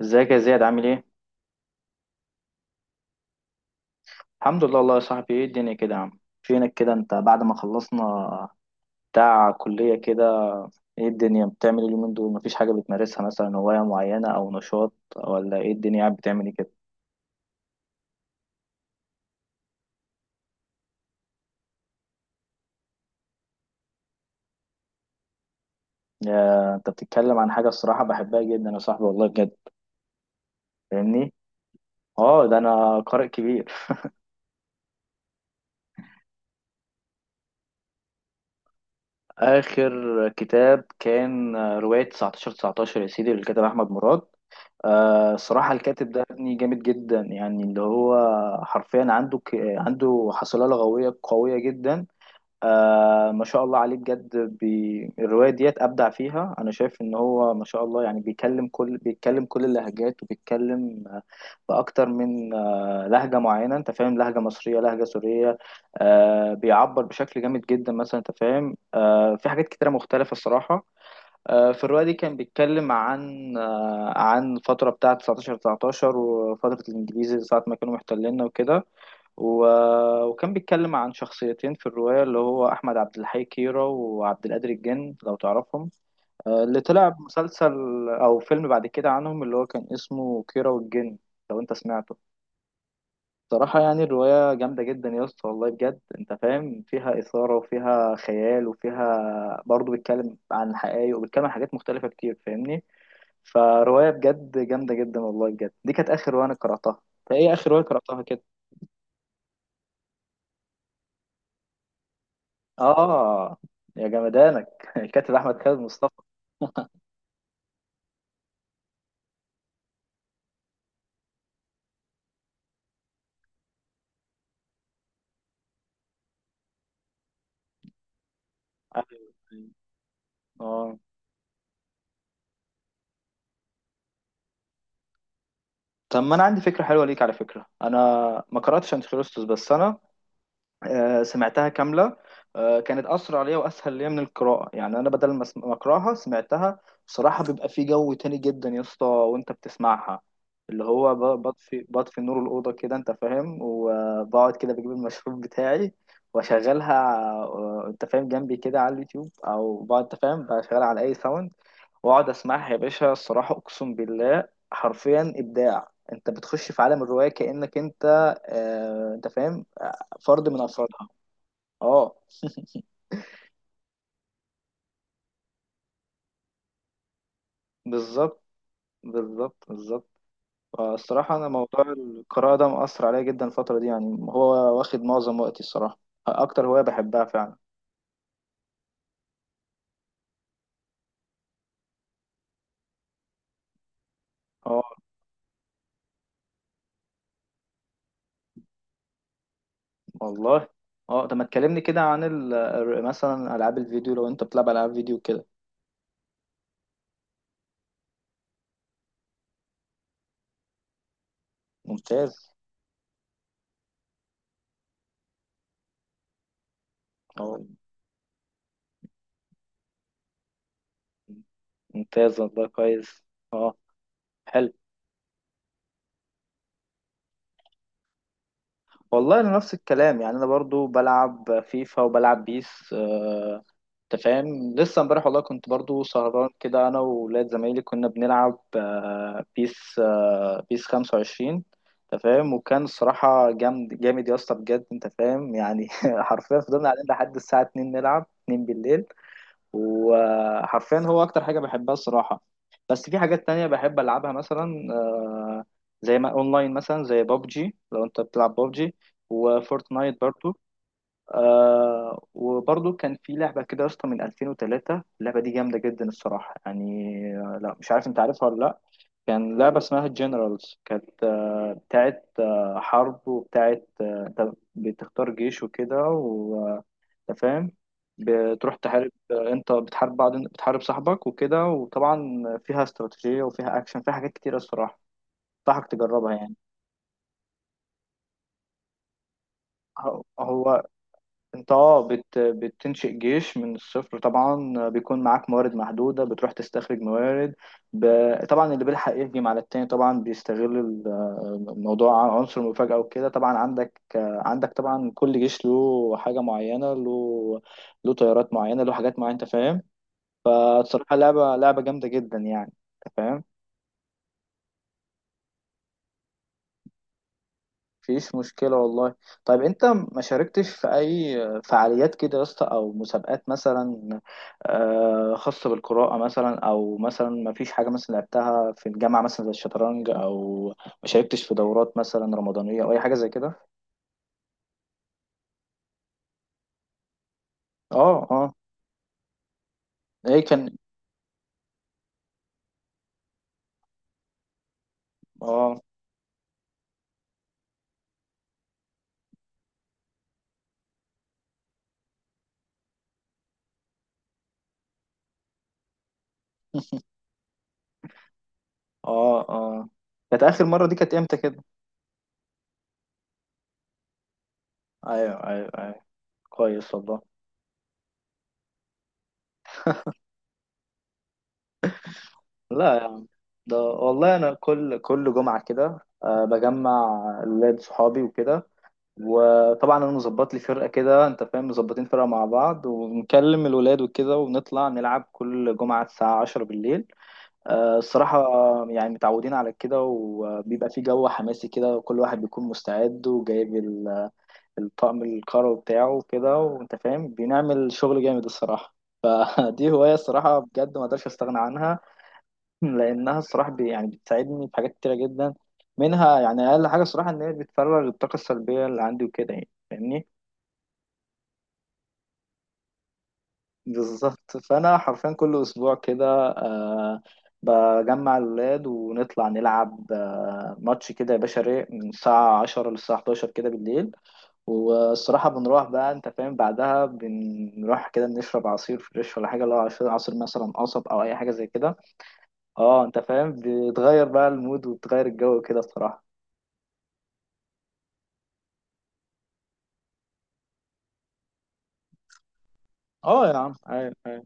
ازيك يا زياد عامل ايه؟ الحمد لله والله يا صاحبي. ايه الدنيا كده يا عم، فينك كده انت بعد ما خلصنا بتاع كلية كده؟ ايه الدنيا بتعمل إيه اليومين دول؟ مفيش حاجة بتمارسها مثلا، هواية معينة او نشاط؟ ولا ايه الدنيا قاعد بتعمل ايه كده؟ يا انت بتتكلم عن حاجة الصراحة بحبها جدا يا صاحبي والله بجد. فاهمني؟ اه، ده انا قارئ كبير. اخر كتاب كان رواية 19 19 يا سيدي للكاتب احمد مراد. آه صراحة الكاتب ده ابني جامد جدا، يعني اللي هو حرفيا عنده عنده حصيلة لغوية قوية جدا. آه ما شاء الله عليه بجد، الرواية ديت أبدع فيها. أنا شايف إن هو ما شاء الله يعني بيكلم كل بيتكلم كل اللهجات، وبيتكلم بأكتر من لهجة معينة، أنت فاهم، لهجة مصرية لهجة سورية. آه بيعبر بشكل جامد جدا مثلا، أنت فاهم، في حاجات كتيرة مختلفة الصراحة. في الرواية دي كان بيتكلم عن عن الفترة بتاعة 19 19 وفترة الإنجليز ساعة ما كانوا محتليننا وكده. وكان بيتكلم عن شخصيتين في الرواية، اللي هو أحمد عبد الحي كيرة وعبد القادر الجن، لو تعرفهم. آه، اللي طلع مسلسل أو فيلم بعد كده عنهم، اللي هو كان اسمه كيرة والجن، لو أنت سمعته. صراحة يعني الرواية جامدة جدا يا اسطى والله بجد، انت فاهم، فيها إثارة وفيها خيال وفيها برضه بيتكلم عن حقائق وبيتكلم عن حاجات مختلفة كتير، فاهمني؟ فرواية بجد جامدة جدا والله بجد. دي كانت آخر رواية أنا قرأتها. فإيه آخر رواية قرأتها كده؟ آه، يا جمدانك الكاتب أحمد خالد مصطفى. أيوة. أيوة. آه، طب ما أنا عندي فكرة حلوة ليك على فكرة. أنا ما قرأتش أنتي خريستوس، بس أنا سمعتها كاملة. آه، كانت أسرع ليا وأسهل ليا من القراءة، يعني أنا بدل ما أقرأها سمعتها. بصراحة بيبقى في جو تاني جدا يا اسطى وأنت بتسمعها، اللي هو بطفي نور الأوضة كده أنت فاهم، وبقعد كده بجيب المشروب بتاعي وأشغلها، آه، أنت فاهم، جنبي كده على اليوتيوب، أو بقعد أنت فاهم بشغلها على أي ساوند، وأقعد أسمعها يا باشا. الصراحة أقسم بالله حرفيا إبداع، أنت بتخش في عالم الرواية كأنك أنت، آه، أنت فاهم، فرد من افرادها. اه بالظبط. بالظبط بالظبط. الصراحة أنا موضوع القراءة ده مأثر عليا جدا الفترة دي، يعني هو واخد معظم وقتي الصراحة. أكتر هواية بحبها فعلا. اه، والله. اه، طب ما تكلمني كده عن مثلا ألعاب الفيديو، لو أنت بتلعب ألعاب فيديو كده. ممتاز. اه، ممتاز والله، كويس. اه، حلو. والله انا نفس الكلام، يعني انا برضو بلعب فيفا وبلعب بيس. آه، انت فاهم لسه امبارح والله كنت برضو سهران كده انا وولاد زمايلي، كنا بنلعب بيس، بيس 25، انت فاهم، وكان الصراحة جامد جامد يا اسطى بجد، انت فاهم يعني. حرفيا فضلنا قاعدين لحد الساعة 2 نلعب، 2 بالليل، وحرفيا هو اكتر حاجه بحبها الصراحه. بس في حاجات تانية بحب العبها مثلا، آه، زي ما اونلاين مثلا زي بابجي، لو انت بتلعب بابجي وفورتنايت برضو. آه وبرضو كان في لعبة كده يا اسطى من 2003، اللعبة دي جامدة جدا الصراحة يعني. آه، لا مش عارف انت عارفها ولا لا. كان لعبة اسمها جنرالز، كانت بتاعت حرب، وبتاعت انت بتختار جيش وكده، انت فاهم، بتروح تحارب، انت بتحارب بعض بتحارب صاحبك وكده، وطبعا فيها استراتيجية وفيها اكشن، فيها حاجات كتيرة الصراحة. انصحك تجربها يعني. هو انت بتنشئ جيش من الصفر، طبعا بيكون معاك موارد محدودة، بتروح تستخرج موارد ب... طبعا اللي بيلحق يهجم على التاني، طبعا بيستغل الموضوع عن عنصر المفاجأة وكده. طبعا عندك طبعا كل جيش له حاجة معينة، له طيارات معينة، له حاجات معينة، انت فاهم. فصراحة لعبة جامدة جدا يعني، انت فاهم. مفيش مشكلة والله. طيب انت ما شاركتش في اي فعاليات كده يا اسطى او مسابقات مثلا، آه، خاصة بالقراءة مثلا، او مثلا ما فيش حاجة مثلا لعبتها في الجامعة مثلا زي الشطرنج، او ما شاركتش في دورات مثلا رمضانية او اي حاجة زي كده؟ اه اه. ايه كان؟ اه اه اه. كانت اخر مرة دي كانت امتى كده؟ ايوه ايوه ايوه، كويس والله. لا، ده والله انا كل جمعه كده أه بجمع ولاد صحابي وكده، وطبعا انا مظبط لي فرقه كده انت فاهم، مظبطين فرقه مع بعض، ونكلم الولاد وكده، ونطلع نلعب كل جمعه الساعه 10 بالليل. أه الصراحه يعني متعودين على كده، وبيبقى في جو حماسي كده، وكل واحد بيكون مستعد وجايب الطقم القروي بتاعه وكده، وانت فاهم بنعمل شغل جامد الصراحه. فدي هوايه الصراحه بجد ما اقدرش استغنى عنها. لانها الصراحه يعني بتساعدني في حاجات كتيره جدا منها، يعني اقل حاجه الصراحه ان هي بتفرغ الطاقه السلبيه اللي عندي وكده، يعني فاهمني؟ بالظبط. فانا حرفيا كل اسبوع كده، آه، بجمع الولاد ونطلع نلعب آه ماتش كده يا باشا رايق من الساعه 10 للساعه 11 كده بالليل. والصراحة بنروح بقى انت فاهم بعدها، بنروح كده نشرب عصير فريش ولا حاجة، لو عصير مثلا قصب او اي حاجة زي كده. اه انت فاهم بتغير بقى المود وبتغير الجو كده الصراحة. اه يا عم، عين.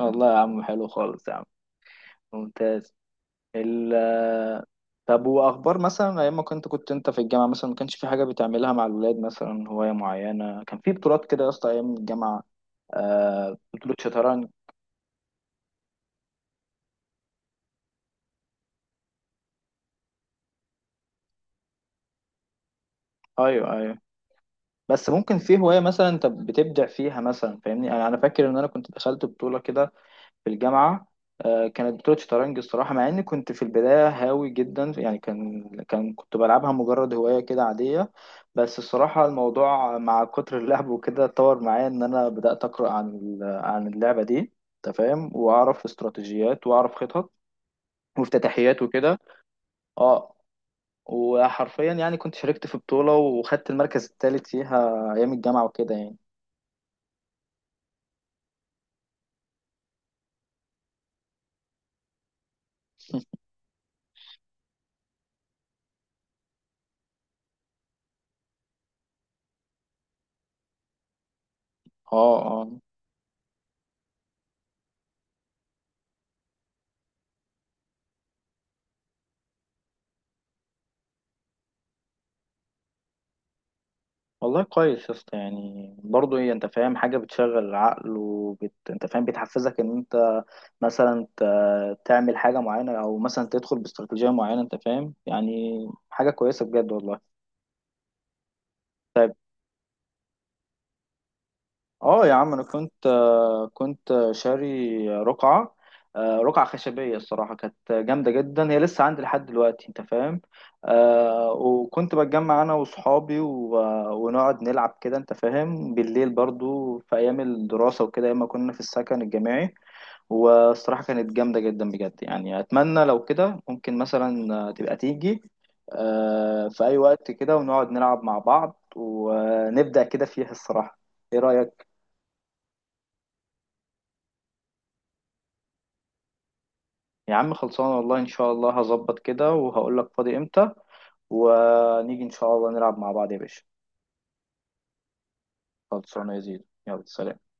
والله يا عم حلو خالص يا عم، ممتاز. ال طب واخبار مثلا ايام ما كنت انت في الجامعه مثلا، ما كانش في حاجه بتعملها مع الولاد مثلا، هوايه معينه، كان في بطولات كده يا اسطى ايام الجامعه، آه بطوله شطرنج؟ ايوه ايوه، بس ممكن في هوايه مثلا انت بتبدع فيها مثلا، فاهمني، انا فاكر ان انا كنت دخلت بطوله كده في الجامعة. آه، كانت بطولة شطرنج الصراحة، مع إني كنت في البداية هاوي جدا، يعني كان كنت بلعبها مجرد هواية كده عادية. بس الصراحة الموضوع مع كتر اللعب وكده اتطور معايا إن أنا بدأت أقرأ عن عن اللعبة دي، أنت فاهم، وأعرف استراتيجيات وأعرف خطط وافتتاحيات وكده. أه وحرفيا يعني كنت شاركت في بطولة وخدت المركز الثالث فيها أيام الجامعة وكده يعني. أه أه، والله كويس يا اسطى. يعني برضه ايه، انت فاهم، حاجه بتشغل العقل انت فاهم بتحفزك ان انت مثلا تعمل حاجه معينه، او مثلا تدخل باستراتيجيه معينه، انت فاهم يعني، حاجه كويسه بجد والله. طيب. اه يا عم، انا كنت، آه، كنت شاري رقعه، آه، رقعه خشبيه، الصراحه كانت جامده جدا، هي لسه عندي لحد دلوقتي انت فاهم. آه، وكنت بتجمع انا واصحابي ونقعد نلعب كده، انت فاهم، بالليل برضو في ايام الدراسه وكده، ايام ما كنا في السكن الجامعي. والصراحه كانت جامده جدا بجد، يعني اتمنى لو كده ممكن مثلا، آه، تبقى تيجي، آه، في اي وقت كده، ونقعد نلعب مع بعض ونبدا كده فيها الصراحه. ايه رايك؟ يا عم خلصانة والله، إن شاء الله هظبط كده وهقول لك فاضي إمتى، ونيجي إن شاء الله نلعب مع بعض يا باشا. خلصانة يا زيد، يلا سلام.